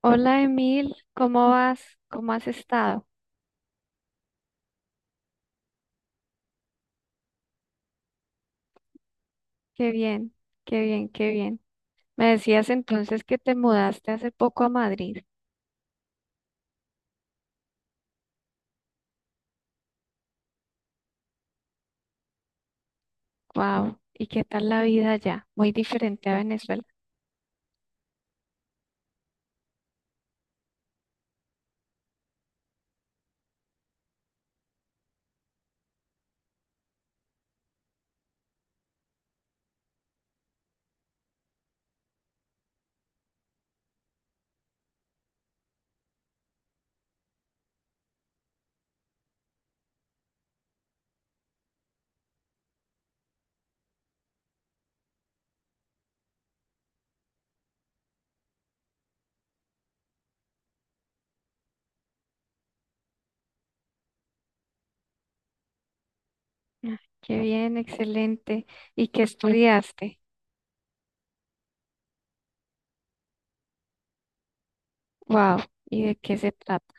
Hola Emil, ¿cómo vas? ¿Cómo has estado? Qué bien, qué bien, qué bien. Me decías entonces que te mudaste hace poco a Madrid. Wow. ¿Y qué tal la vida allá? Muy diferente a Venezuela. Ah, qué bien, excelente. ¿Y qué estudiaste? Wow. ¿Y de qué se trata?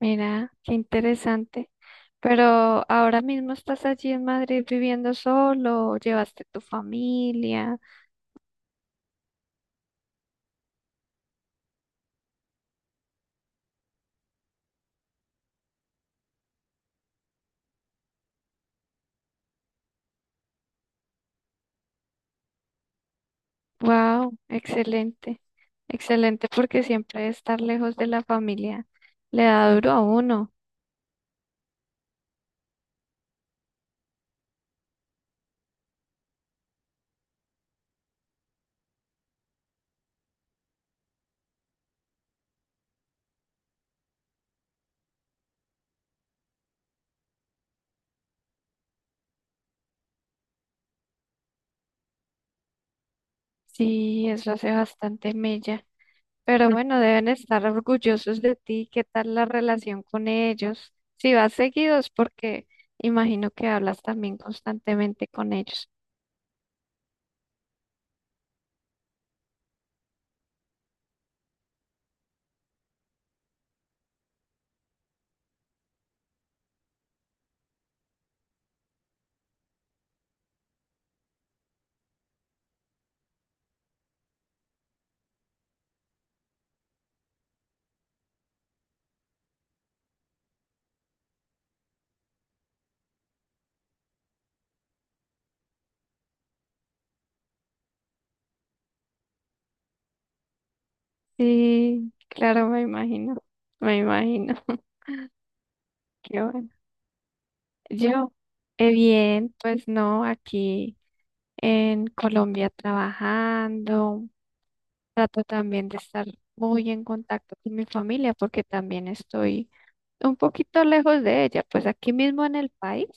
Mira, qué interesante. Pero ahora mismo estás allí en Madrid viviendo solo, llevaste tu familia. Wow, excelente, excelente, porque siempre estar lejos de la familia le da duro a uno. Sí, eso hace bastante mella. Pero bueno, deben estar orgullosos de ti. ¿Qué tal la relación con ellos? Si vas seguidos, porque imagino que hablas también constantemente con ellos. Sí, claro, me imagino, me imagino. Qué bueno. Yo, bien, pues no, aquí en Colombia trabajando. Trato también de estar muy en contacto con mi familia porque también estoy un poquito lejos de ella, pues aquí mismo en el país,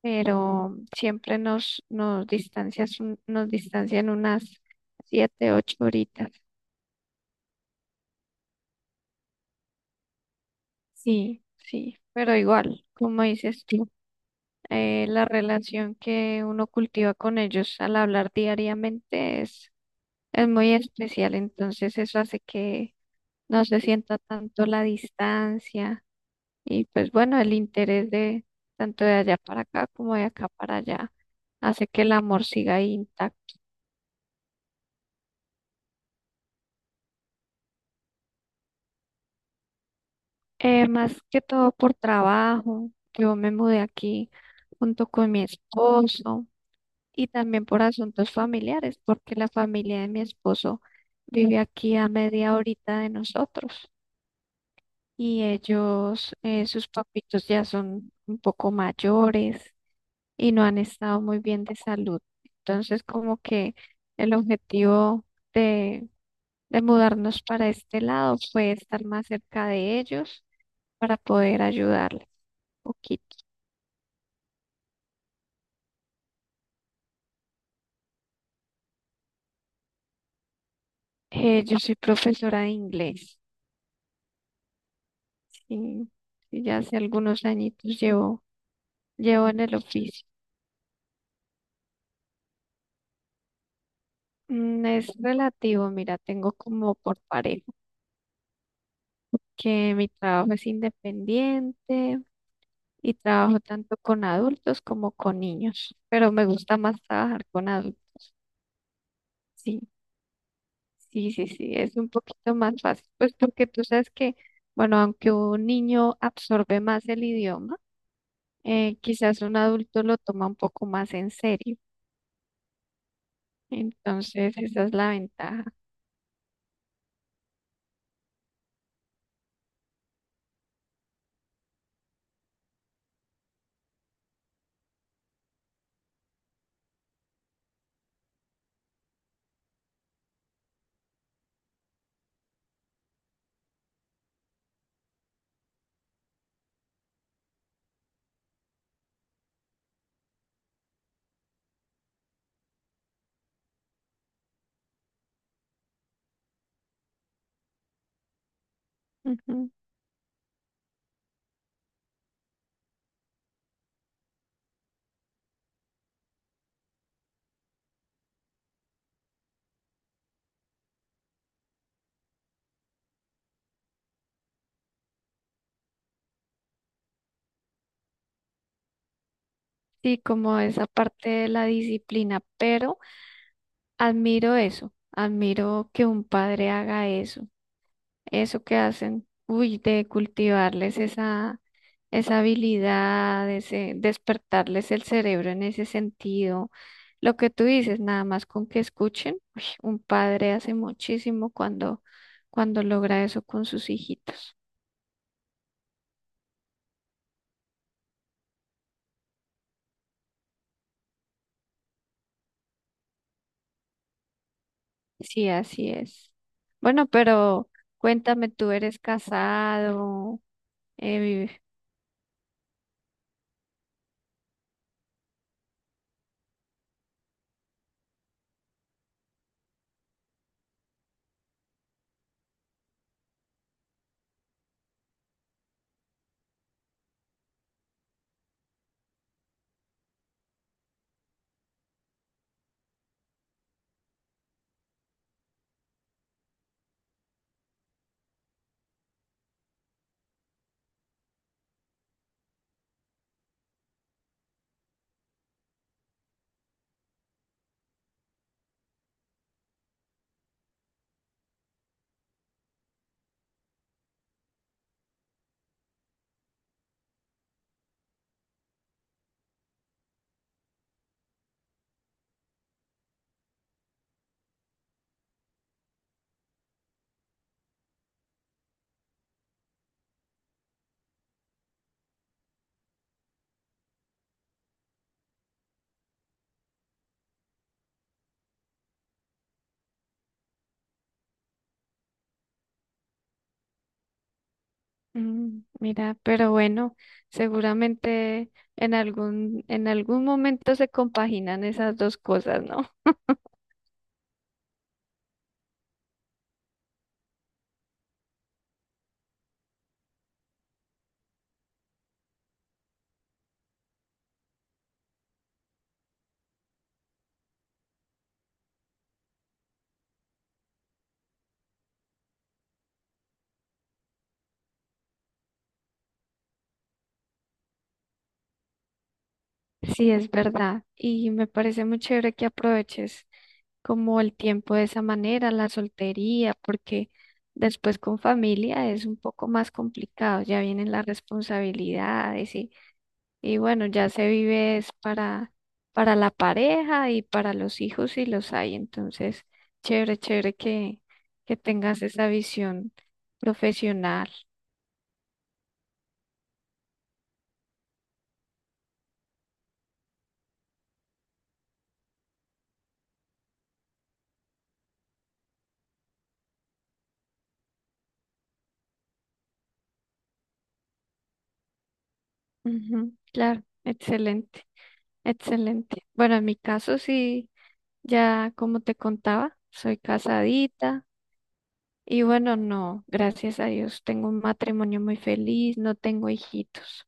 pero siempre nos distancias, nos distancian unas siete, ocho horitas. Sí, sí, pero igual, como dices tú, la relación que uno cultiva con ellos al hablar diariamente es muy especial, entonces eso hace que no se sienta tanto la distancia. Y pues bueno, el interés de tanto de allá para acá como de acá para allá hace que el amor siga ahí intacto. Más que todo por trabajo, yo me mudé aquí junto con mi esposo y también por asuntos familiares, porque la familia de mi esposo vive aquí a media horita de nosotros y ellos, sus papitos ya son un poco mayores y no han estado muy bien de salud. Entonces, como que el objetivo de, de mudarnos para este lado fue estar más cerca de ellos para poder ayudarles un poquito. Yo soy profesora de inglés y, y ya hace algunos añitos llevo en el oficio. Mm, es relativo, mira, tengo como por parejo que mi trabajo es independiente y trabajo tanto con adultos como con niños, pero me gusta más trabajar con adultos. Sí, sí, es un poquito más fácil, pues porque tú sabes que, bueno, aunque un niño absorbe más el idioma, quizás un adulto lo toma un poco más en serio. Entonces, esa es la ventaja. Ujú. Sí, como esa parte de la disciplina, pero admiro eso, admiro que un padre haga eso, eso que hacen, uy, de cultivarles esa, esa habilidad, ese, despertarles el cerebro en ese sentido. Lo que tú dices, nada más con que escuchen, uy, un padre hace muchísimo cuando, cuando logra eso con sus hijitos. Sí, así es. Bueno, pero cuéntame, ¿tú eres casado? Mm, mira, pero bueno, seguramente en algún momento se compaginan esas dos cosas, ¿no? Sí, es verdad. Y me parece muy chévere que aproveches como el tiempo de esa manera, la soltería, porque después con familia es un poco más complicado, ya vienen las responsabilidades. Y bueno, ya se vive es para la pareja y para los hijos si los hay. Entonces, chévere, chévere que tengas esa visión profesional. Ujú, claro, excelente, excelente. Bueno, en mi caso sí, ya como te contaba, soy casadita y bueno, no, gracias a Dios, tengo un matrimonio muy feliz, no tengo hijitos,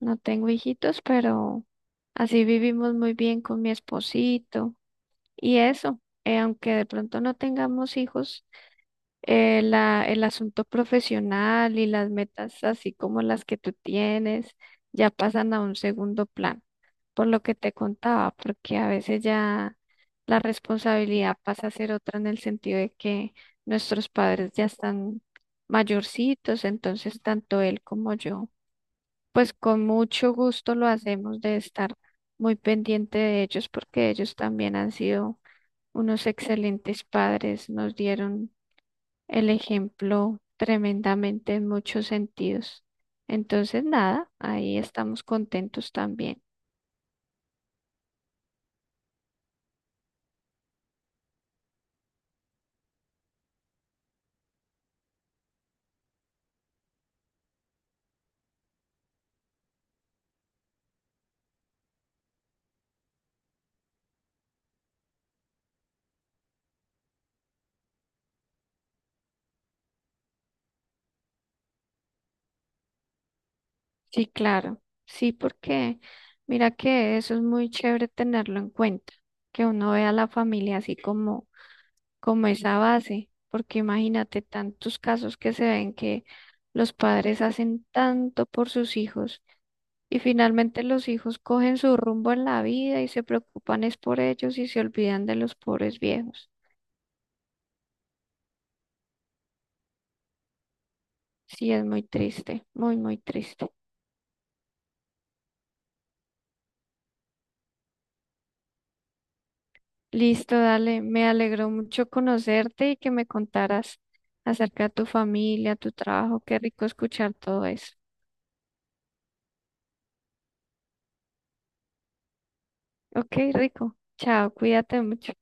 no tengo hijitos, pero así vivimos muy bien con mi esposito. Y eso, aunque de pronto no tengamos hijos, el asunto profesional y las metas, así como las que tú tienes, ya pasan a un segundo plano, por lo que te contaba, porque a veces ya la responsabilidad pasa a ser otra en el sentido de que nuestros padres ya están mayorcitos, entonces tanto él como yo, pues con mucho gusto lo hacemos de estar muy pendiente de ellos, porque ellos también han sido unos excelentes padres, nos dieron el ejemplo tremendamente en muchos sentidos. Entonces, nada, ahí estamos contentos también. Sí, claro, sí, porque mira que eso es muy chévere tenerlo en cuenta, que uno vea a la familia así como, como esa base, porque imagínate tantos casos que se ven que los padres hacen tanto por sus hijos y finalmente los hijos cogen su rumbo en la vida y se preocupan es por ellos y se olvidan de los pobres viejos. Sí, es muy triste, muy, muy triste. Listo, dale. Me alegró mucho conocerte y que me contaras acerca de tu familia, tu trabajo. Qué rico escuchar todo eso. Ok, rico. Chao, cuídate mucho.